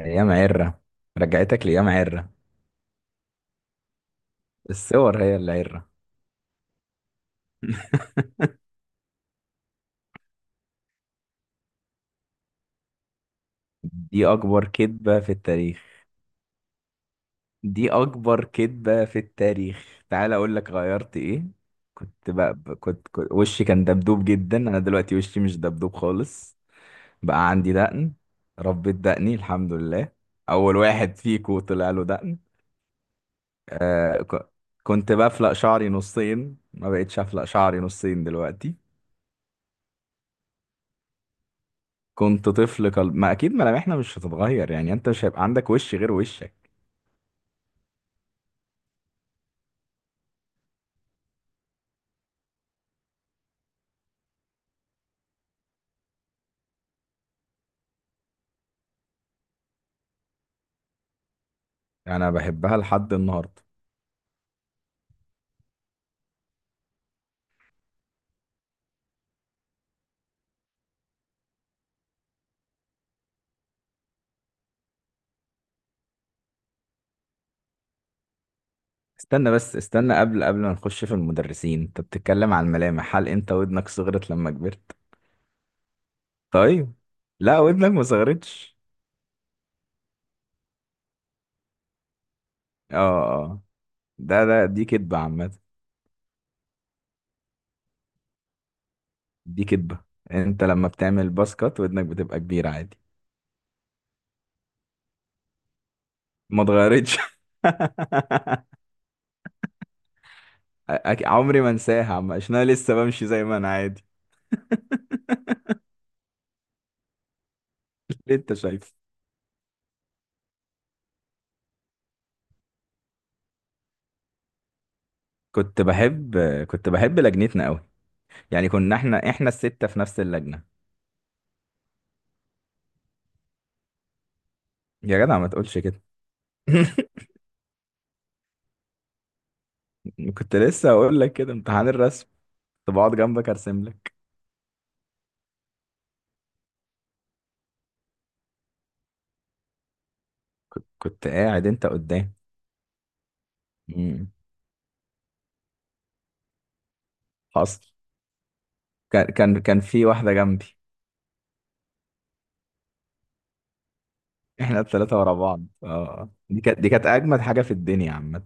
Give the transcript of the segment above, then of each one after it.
ايام عره. رجعتك لايام عره. الصور هي اللي عره. دي اكبر كذبه في التاريخ. دي اكبر كذبه في التاريخ، تعال اقول لك غيرت ايه. كنت بقى. كنت وشي كان دبدوب جدا، انا دلوقتي وشي مش دبدوب خالص. بقى عندي دقن. ربيت دقني الحمد لله. اول واحد فيكو طلع له دقن. آه، كنت بفلق شعري نصين، ما بقتش افلق شعري نصين دلوقتي. كنت طفل قلب ما، اكيد ملامحنا مش هتتغير يعني، انت مش هيبقى عندك وش غير وشك. انا بحبها لحد النهارده. استنى بس، استنى قبل ما نخش في المدرسين، انت بتتكلم عن الملامح، هل انت ودنك صغرت لما كبرت؟ طيب. لا، ودنك ما صغرتش. اه، اه، ده ده دي كدبة عامة. دي كدبة. انت لما بتعمل باسكت ودنك بتبقى كبيرة عادي. ما اتغيرتش. عمري ما انساها عم، عشان انا لسه بمشي زي ما انا عادي. اللي انت شايفه. كنت بحب كنت بحب لجنتنا قوي، يعني كنا احنا الستة في نفس اللجنة. يا جدع ما تقولش كده. كنت لسه هقول لك كده، امتحان الرسم. كنت بقعد جنبك ارسم لك. كنت قاعد انت قدام. مم. حصل. كان في واحدة جنبي. احنا الثلاثة ورا بعض، اه، دي كانت اجمد حاجة في الدنيا عامة.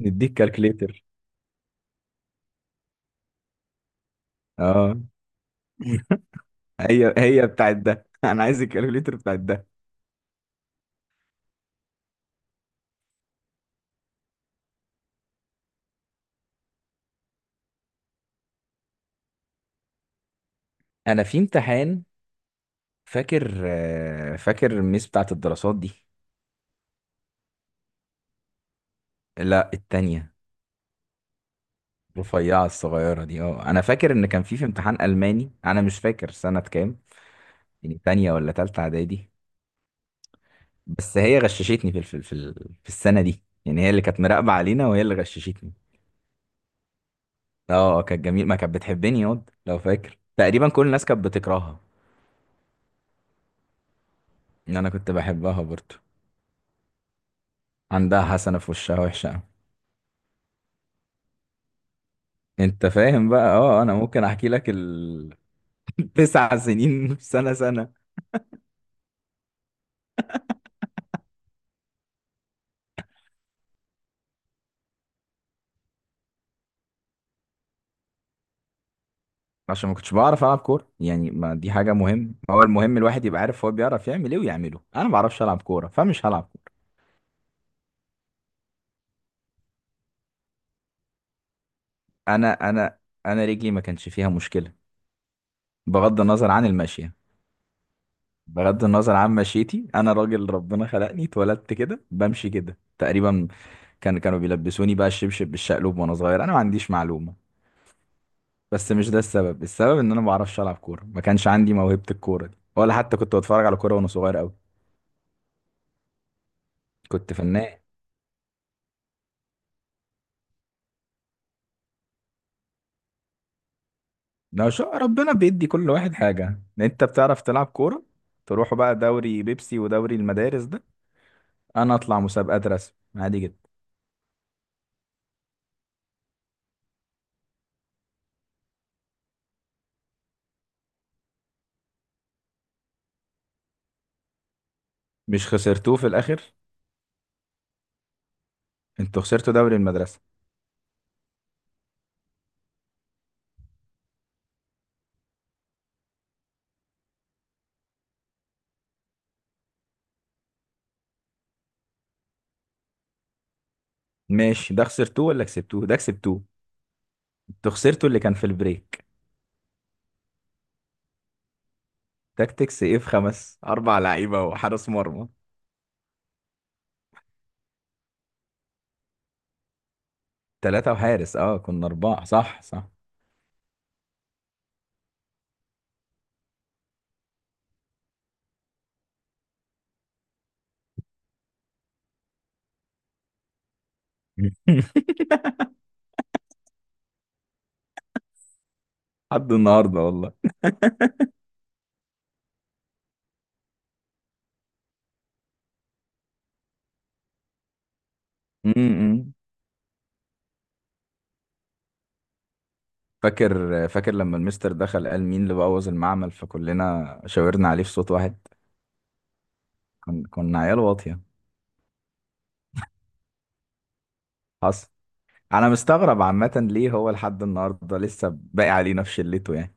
نديك كالكليتر. اه. هي بتاعت ده، انا عايز الكالكليتر بتاعت ده. انا في امتحان. فاكر الميس بتاعت الدراسات دي. لا، التانية. رفيعة الصغيرة دي، اه، انا فاكر ان كان في امتحان الماني، انا مش فاكر سنة كام، يعني تانية ولا تالتة اعدادي؟ بس هي غششتني في الف- في ال- في السنة دي، يعني هي اللي كانت مراقبة علينا وهي اللي غششتني. اه، كانت جميل ما، كانت بتحبني ياض لو فاكر، تقريبا كل الناس كانت بتكرهها. ان انا كنت بحبها برضو. عندها حسنة في وشها وحشة أوي. انت فاهم بقى؟ اه، انا ممكن احكي لك ال... 9 سنين في سنة سنة. عشان ما كنتش بعرف العب كوره يعني، ما دي حاجه مهم، هو المهم الواحد يبقى عارف هو بيعرف يعمل ايه ويعمله، انا ما بعرفش العب كوره فمش هلعب كورة. انا انا انا رجلي ما كانش فيها مشكله، بغض النظر عن المشيه. بغض النظر عن مشيتي، انا راجل ربنا خلقني، اتولدت كده بمشي كده تقريبا. كانوا بيلبسوني بقى الشبشب بالشقلوب وانا صغير، انا ما عنديش معلومه. بس مش ده السبب، السبب ان انا ما بعرفش العب كوره، ما كانش عندي موهبه الكوره دي، ولا حتى كنت بتفرج على كوره وانا صغير قوي. كنت فنان. لو شاء ربنا بيدي كل واحد حاجة، انت بتعرف تلعب كورة، تروحوا بقى دوري بيبسي ودوري المدارس ده، انا اطلع مسابقات رسم عادي جدا. مش خسرتوه في الاخر؟ انتوا خسرتوا دوري المدرسة. ماشي، ده خسرتوه ولا كسبتوه؟ ده كسبتوه. انتوا خسرتوا اللي كان في البريك. تاكتكس ايه؟ في خمس اربع لعيبة وحارس مرمى؟ ثلاثة وحارس، اه، كنا اربعة، صح صح. لحد النهاردة والله. امم. امم. فاكر لما المستر دخل قال مين اللي بوظ المعمل، فكلنا شاورنا عليه في صوت واحد. كنا عيال واطية. حصل. انا مستغرب عامة ليه هو لحد النهاردة لسه باقي عليه نفس شلته يعني،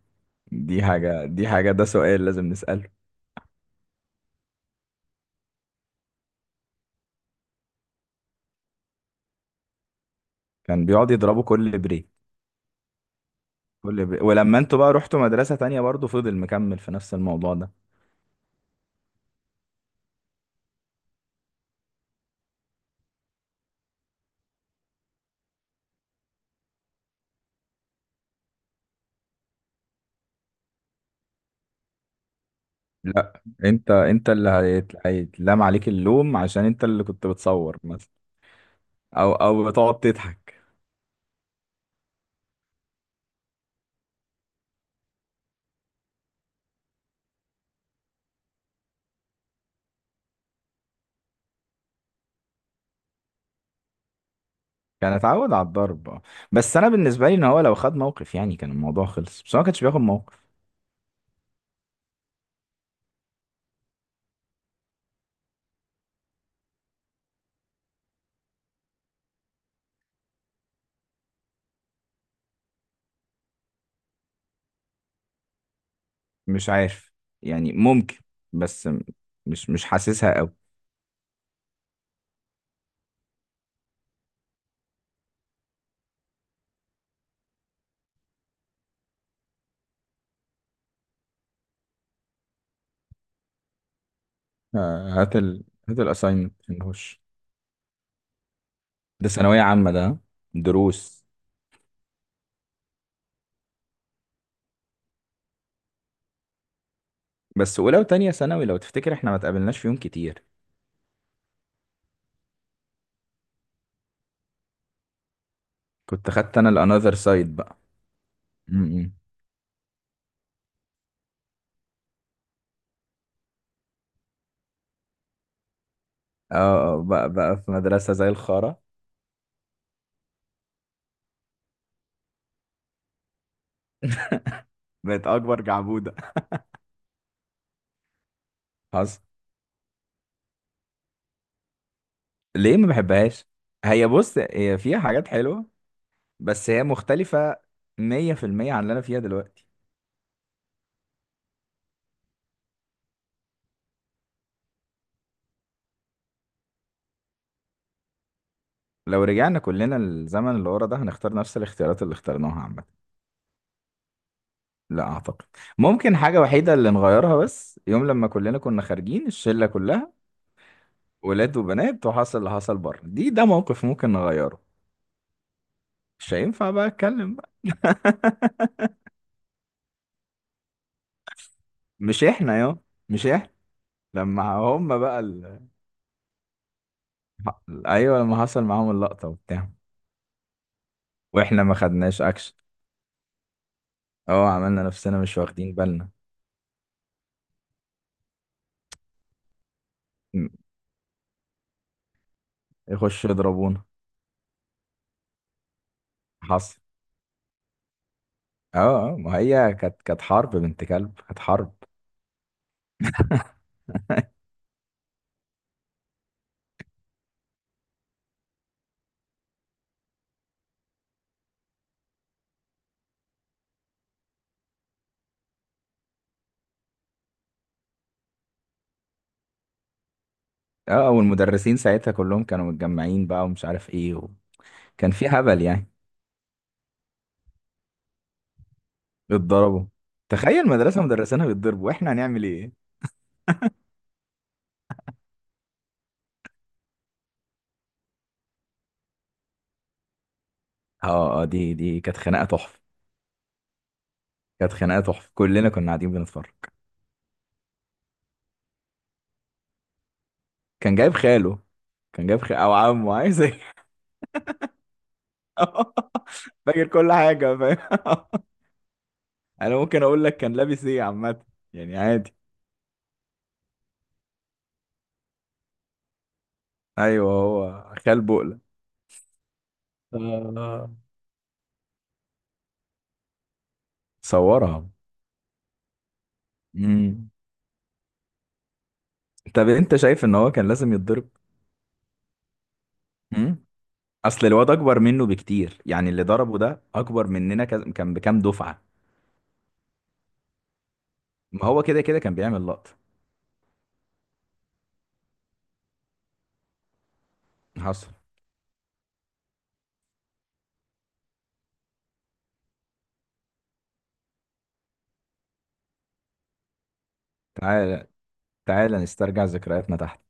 دي حاجة، ده سؤال لازم نسأله. كان بيقعد يضربه كل بريك. كل بريك، ولما انتوا بقى رحتوا مدرسة تانية برضه فضل مكمل في نفس الموضوع ده. لا، انت اللي هيتلام عليك اللوم، عشان انت اللي كنت بتصور مثلا، او بتقعد تضحك. كان اتعود على الضرب آه. بس انا بالنسبة لي، ان هو لو خد موقف يعني كان الموضوع خلص، بس هو ما كانش بياخد موقف. مش عارف. يعني ممكن. بس مش حاسسها قوي. آه، هات الأساينمنت نخش. ده ثانوية عامة ده، ها؟ دروس. بس أولى وتانية ثانوي لو تفتكر احنا ما اتقابلناش فيهم كتير. كنت خدت أنا الأنذر سايد بقى. م. اه، آه، بقى في مدرسة زي الخارة. بقت أكبر جعبودة. حصل. ليه ما بحبهاش؟ هي بص، هي فيها حاجات حلوة، بس هي مختلفة 100% عن اللي أنا فيها دلوقتي. لو رجعنا كلنا للزمن اللي ورا ده، هنختار نفس الاختيارات اللي اخترناها عامة. لا أعتقد. ممكن حاجة وحيدة اللي نغيرها، بس يوم لما كلنا كنا خارجين الشلة كلها، ولاد وبنات، وحصل اللي حصل بره ده موقف ممكن نغيره. مش هينفع بقى أتكلم بقى. مش إحنا يا. مش إحنا. لما هم بقى ال... أيوة، لما حصل معاهم اللقطة وبتاع، وإحنا ما خدناش أكشن. أه، عملنا نفسنا مش واخدين بالنا. م- يخشوا يضربونا. حصل. اه، اه، ما هي كانت حرب بنت كلب، كانت حرب. اه، والمدرسين ساعتها كلهم كانوا متجمعين بقى ومش عارف ايه و... كان في هبل يعني. اتضربوا. تخيل مدرسة مدرسينها بيتضربوا، واحنا هنعمل ايه؟ اه، اه، دي كانت خناقة تحفة. كانت خناقة تحفة، كلنا كنا قاعدين بنتفرج. كان جايب خاله. كان جايب او عمه، عايز ايه؟ فاكر كل حاجة فاهم. انا ممكن اقول لك كان لابس ايه عامة، يعني عادي. ايوه، هو خال بقلة. آه. صورها. مم. طب انت شايف ان هو كان لازم يتضرب؟ امم. اصل الواد اكبر منه بكتير، يعني اللي ضربه ده اكبر مننا كان بكام دفعة. ما هو كده كده كان بيعمل لقطة. حصل. تعالى، تعالى نسترجع ذكرياتنا تحت.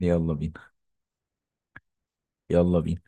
يلا بينا. يلا بينا.